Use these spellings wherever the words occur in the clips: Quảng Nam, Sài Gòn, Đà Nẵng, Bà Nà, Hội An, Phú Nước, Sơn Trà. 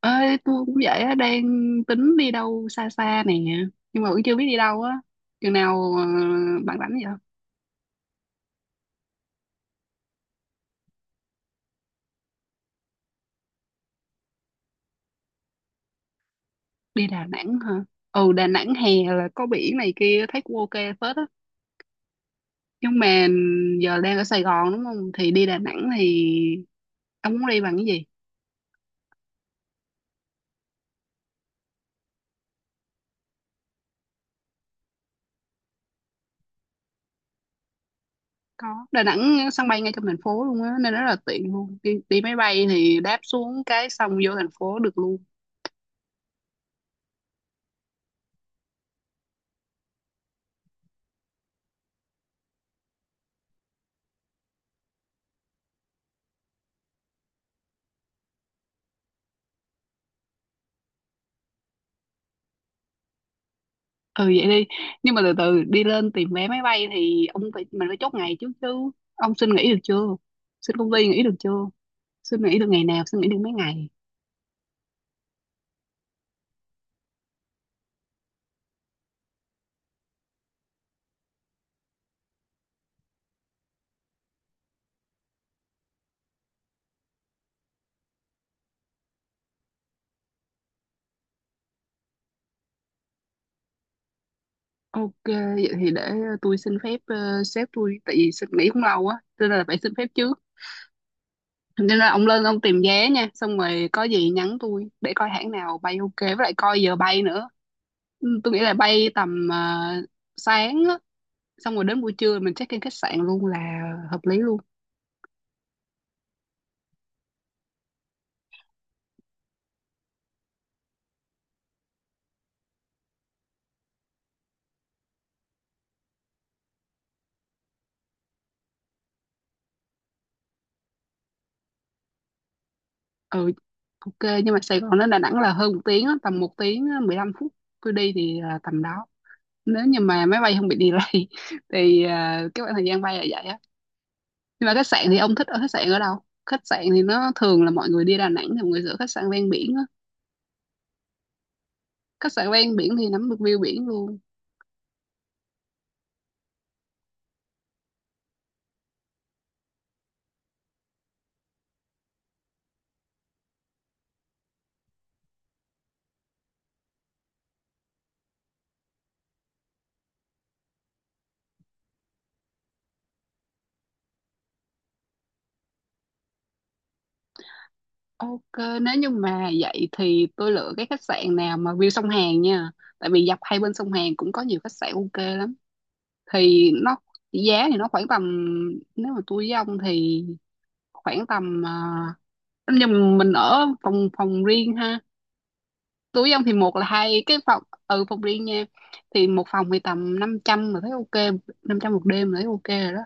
Ơi tôi cũng vậy á, đang tính đi đâu xa xa nè, nhưng mà cũng chưa biết đi đâu á. Chừng nào bạn rảnh vậy? Đi Đà Nẵng hả? Ừ, Đà Nẵng hè là có biển này kia, thấy cũng ok phết á, nhưng mà giờ đang ở Sài Gòn đúng không, thì đi Đà Nẵng thì ông muốn đi bằng cái gì? Có, Đà Nẵng sân bay ngay trong thành phố luôn á, nên rất là tiện luôn. Đi máy bay thì đáp xuống cái xong vô thành phố được luôn. Ừ vậy đi. Nhưng mà từ từ đi lên tìm vé máy bay thì ông phải mình phải chốt ngày trước chứ. Ông xin nghỉ được chưa? Xin công ty nghỉ được chưa? Xin nghỉ được ngày nào? Xin nghỉ được mấy ngày? Ok, vậy thì để tôi xin phép sếp tôi, tại vì xin nghỉ cũng lâu á cho nên là phải xin phép trước. Nên là ông lên ông tìm vé nha, xong rồi có gì nhắn tôi để coi hãng nào bay ok, với lại coi giờ bay nữa. Ừ, tôi nghĩ là bay tầm sáng á, xong rồi đến buổi trưa mình check in khách sạn luôn là hợp lý luôn. Ừ ok. Nhưng mà Sài Gòn đến Đà Nẵng là hơn một tiếng á, tầm một tiếng 15 phút. Tôi đi thì là tầm đó, nếu như mà máy bay không bị delay thì à, cái khoảng thời gian bay là vậy á. Nhưng mà khách sạn thì ông thích ở khách sạn ở đâu? Khách sạn thì nó thường là mọi người đi Đà Nẵng thì mọi người sẽ khách sạn ven biển á. Khách sạn ven biển thì nắm được view biển luôn. Ok, nếu như mà vậy thì tôi lựa cái khách sạn nào mà view sông Hàn nha, tại vì dọc hai bên sông Hàn cũng có nhiều khách sạn ok lắm. Thì nó giá thì nó khoảng tầm, nếu mà tôi với ông thì khoảng tầm nhưng mình ở phòng phòng riêng ha. Túi ông thì một là hai cái phòng, ừ phòng riêng nha. Thì một phòng thì tầm 500 mà thấy ok, 500 một đêm là thấy ok rồi đó.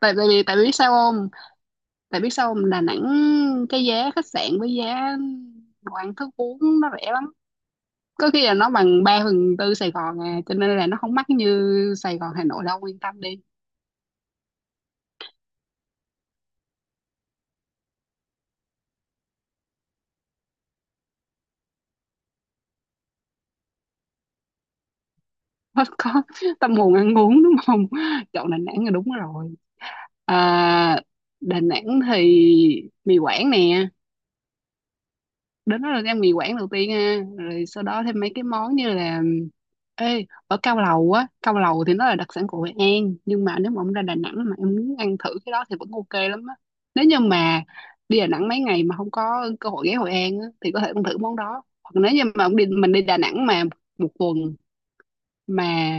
Tại tại vì tại vì biết sao không? Biết sao không? Đà Nẵng cái giá khách sạn với giá đồ ăn thức uống nó rẻ lắm, có khi là nó bằng 3 phần tư Sài Gòn à, cho nên là nó không mắc như Sài Gòn Hà Nội đâu, yên tâm đi. Có tâm hồn ăn uống đúng không? Chọn Đà Nẵng là đúng rồi. À, Đà Nẵng thì mì Quảng nè. Đến đó là ăn mì Quảng đầu tiên ha, rồi sau đó thêm mấy cái món như là ê ở cao lầu á. Cao lầu thì nó là đặc sản của Hội An, nhưng mà nếu mà ông ra Đà Nẵng mà em muốn ăn thử cái đó thì vẫn ok lắm á. Nếu như mà đi Đà Nẵng mấy ngày mà không có cơ hội ghé Hội An á, thì có thể ăn thử món đó. Hoặc nếu như mà ông đi mình đi Đà Nẵng mà một tuần, mà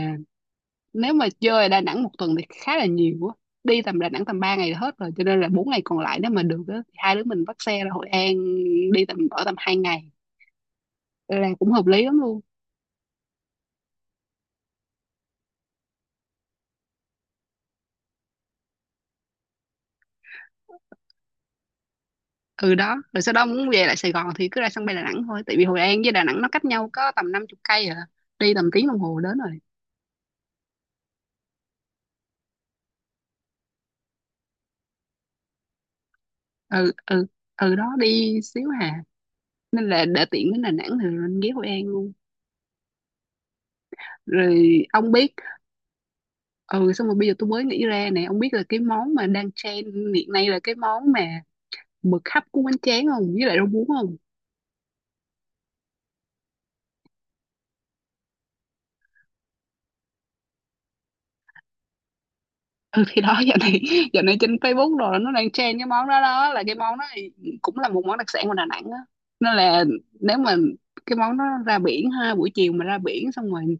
nếu mà chơi ở Đà Nẵng một tuần thì khá là nhiều á. Đi tầm Đà Nẵng tầm 3 ngày là hết rồi, cho nên là 4 ngày còn lại nếu mà được á thì hai đứa mình bắt xe ra Hội An, đi tầm 2 ngày là cũng hợp lý lắm luôn. Ừ đó, rồi sau đó muốn về lại Sài Gòn thì cứ ra sân bay Đà Nẵng thôi, tại vì Hội An với Đà Nẵng nó cách nhau có tầm 50 cây à, đi tầm tiếng đồng hồ đến rồi. Ừ, ừ, ừ đó, đi xíu hà, nên là để tiện đến Đà Nẵng thì lên ghé Hội An luôn. Rồi ông biết, ừ xong rồi bây giờ tôi mới nghĩ ra nè, ông biết là cái món mà đang trend hiện nay là cái món mà mực hấp của bánh tráng không với lại rau muống không. Ừ thì đó, giờ này trên Facebook rồi, nó đang trend cái món đó. Đó là cái món đó thì cũng là một món đặc sản của Đà Nẵng á. Nên là nếu mà cái món đó, ra biển ha, buổi chiều mà ra biển xong rồi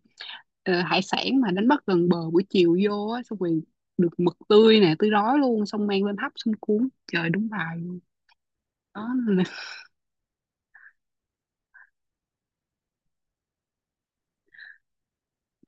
hải sản mà đánh bắt gần bờ buổi chiều vô á, xong rồi được mực tươi nè, tươi rói luôn, xong mang lên hấp, xong cuốn trời đúng bài luôn. Đó,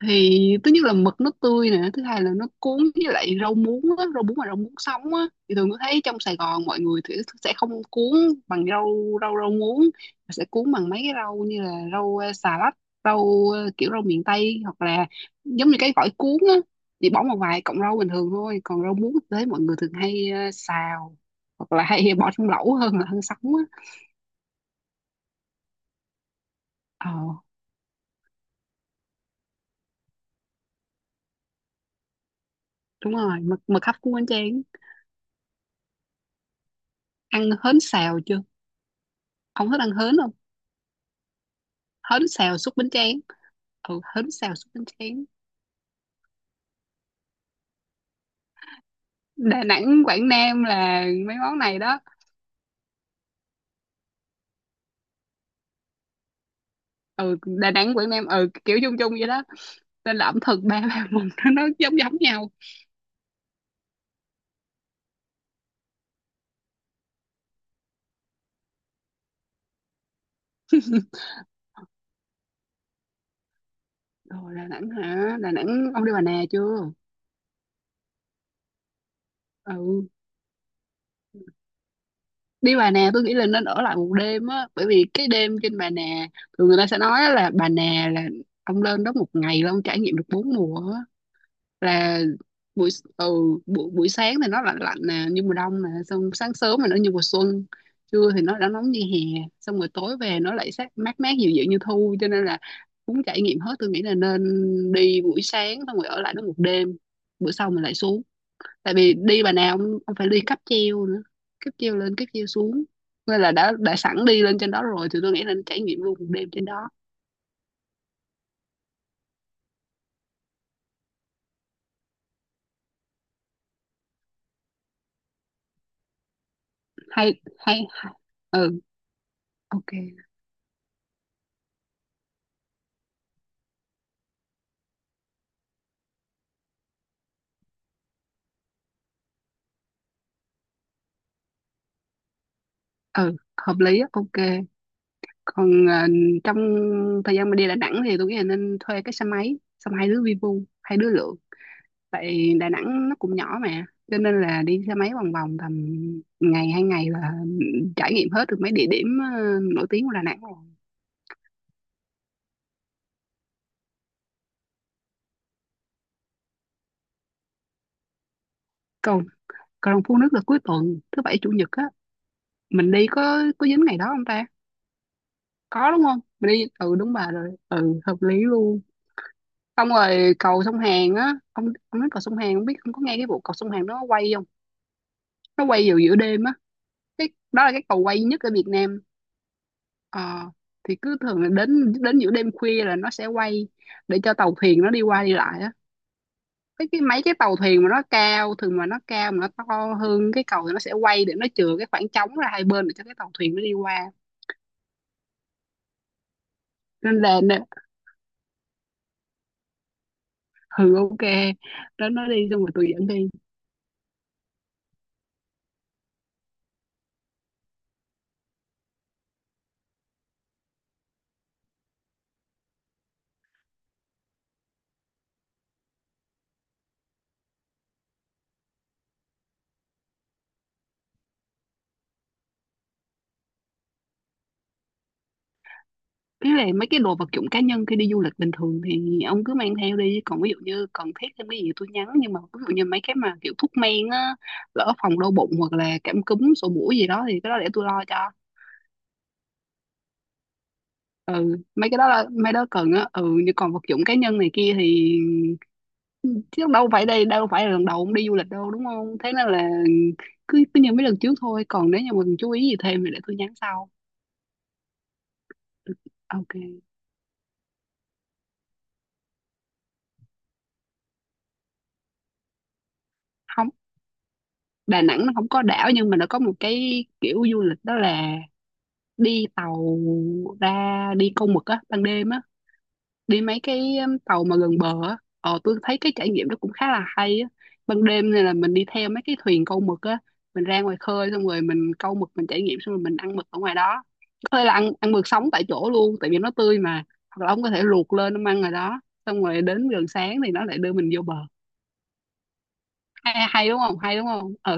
thì thứ nhất là mực nó tươi nè, thứ hai là nó cuốn với lại rau muống á, rau muống mà rau muống sống á. Thì thường có thấy trong Sài Gòn mọi người thì sẽ không cuốn bằng rau rau rau muống, mà sẽ cuốn bằng mấy cái rau như là rau xà lách, rau kiểu rau miền Tây, hoặc là giống như cái gỏi cuốn á, chỉ bỏ một vài cọng rau bình thường thôi. Còn rau muống thì thấy mọi người thường hay xào hoặc là hay bỏ trong lẩu hơn là hơn sống á. ờ Đúng rồi, mực mực hấp cuốn bánh tráng. Ăn hến xào chưa? Không thích ăn hến không? Hến xào xúc bánh tráng, ừ hến xào xúc bánh tráng. Đà Nẵng Quảng Nam là mấy món này đó. Ừ, Đà Nẵng Quảng Nam, ừ kiểu chung chung vậy đó, nên là ẩm thực ba ba vùng, nó giống giống nhau. Rồi, Đà Nẵng hả? Đà Nẵng ông đi Bà Nà chưa? Ừ, đi Bà Nà tôi nghĩ là nên ở lại một đêm á, bởi vì cái đêm trên Bà Nà, thường người ta sẽ nói là Bà Nà là ông lên đó một ngày là ông trải nghiệm được bốn mùa á. Là buổi ừ, buổi buổi sáng thì nó lạnh lạnh nè như mùa đông nè, xong sáng sớm thì nó như mùa xuân, trưa thì nó đã nóng như hè, xong rồi tối về nó lại sát mát mát dịu dịu như thu, cho nên là muốn trải nghiệm hết tôi nghĩ là nên đi buổi sáng xong rồi ở lại đó một đêm, bữa sau mình lại xuống. Tại vì đi bà nào ông phải đi cáp treo nữa, cáp treo lên cáp treo xuống, nên là đã sẵn đi lên trên đó rồi thì tôi nghĩ là trải nghiệm luôn một đêm trên đó. Hay hay hay. Ừ ok, ừ hợp lý á, ok. Còn trong thời gian mà đi Đà Nẵng thì tôi nghĩ là nên thuê cái xe máy, xong hai đứa vi vu hai đứa lượn, tại Đà Nẵng nó cũng nhỏ mà, cho nên là đi xe máy vòng vòng tầm 2 ngày là trải nghiệm hết được mấy địa điểm nổi tiếng của Đà Nẵng rồi. Còn còn Phú Nước là cuối tuần thứ bảy chủ nhật á, mình đi có dính ngày đó không ta? Có đúng không, mình đi ừ đúng bà rồi, ừ hợp lý luôn. Xong rồi cầu sông Hàn á, ông nói cầu sông Hàn không biết không có nghe cái vụ cầu sông Hàn nó quay không. Nó quay vào giữa đêm á. Cái đó là cái cầu quay duy nhất ở Việt Nam. Ờ, thì cứ thường là đến đến giữa đêm khuya là nó sẽ quay để cho tàu thuyền nó đi qua đi lại á. Cái Mấy cái tàu thuyền mà nó cao, thường mà nó cao mà nó to hơn cái cầu thì nó sẽ quay để nó chừa cái khoảng trống ra hai bên để cho cái tàu thuyền nó đi qua. Nên là nè, ừ ok đó, nó đi xong rồi tôi dẫn đi. Ý là mấy cái đồ vật dụng cá nhân khi đi du lịch bình thường thì ông cứ mang theo đi. Còn ví dụ như cần thiết thêm cái gì tôi nhắn. Nhưng mà ví dụ như mấy cái mà kiểu thuốc men á, lỡ phòng đau bụng hoặc là cảm cúm, sổ mũi gì đó thì cái đó để tôi lo cho. Ừ, mấy cái đó là mấy đó cần á. Ừ, nhưng còn vật dụng cá nhân này kia thì chứ đâu phải đây, đâu phải là lần đầu ông đi du lịch đâu đúng không? Thế nên là cứ cứ như mấy lần trước thôi. Còn nếu như mình chú ý gì thêm thì để tôi nhắn sau. Ok. Không, Đà Nẵng nó không có đảo, nhưng mà nó có một cái kiểu du lịch, đó là đi tàu ra đi câu mực á ban đêm á, đi mấy cái tàu mà gần bờ á, tôi thấy cái trải nghiệm đó cũng khá là hay á. Ban đêm này là mình đi theo mấy cái thuyền câu mực á, mình ra ngoài khơi, xong rồi mình câu mực, mình trải nghiệm, xong rồi mình ăn mực ở ngoài đó. Có thể là ăn ăn mực sống tại chỗ luôn, tại vì nó tươi mà, hoặc là ông có thể luộc lên ông ăn rồi đó, xong rồi đến gần sáng thì nó lại đưa mình vô bờ. Hay đúng không, hay đúng không, ừ.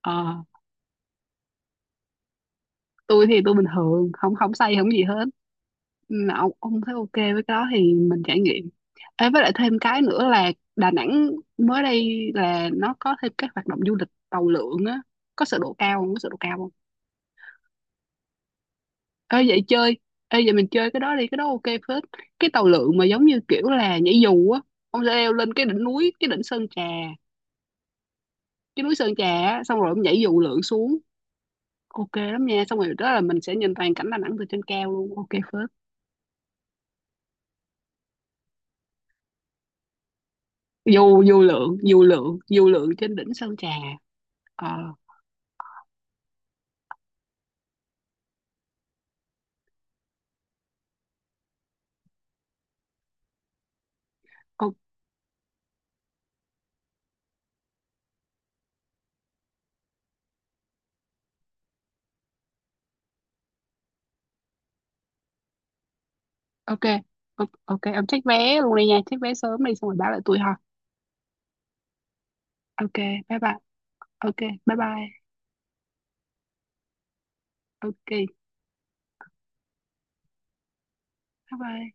ờ tôi thì tôi bình thường không không say không gì hết. Ừ, ông thấy ok với cái đó thì mình trải nghiệm. Ê, với lại thêm cái nữa là Đà Nẵng mới đây là nó có thêm các hoạt động du lịch tàu lượn á, có sợ độ cao không, có sợ độ cao không? ê vậy chơi Ê vậy mình chơi cái đó đi, cái đó ok phết. Cái tàu lượn mà giống như kiểu là nhảy dù á, ông sẽ leo lên cái đỉnh núi, cái đỉnh Sơn Trà, cái núi Sơn Trà á, xong rồi ông nhảy dù lượn xuống, ok lắm nha, xong rồi đó là mình sẽ nhìn toàn cảnh Đà Nẵng từ trên cao luôn, ok phết. Dù dù lượn, dù lượn, dù lượn trên đỉnh Sơn Trà. Ờ ok. Ok ok ok, ông check vé luôn đi nha, check vé sớm đi xong rồi báo lại tôi ha. Ok, bye bye, ok, bye bye, ok, bye bye.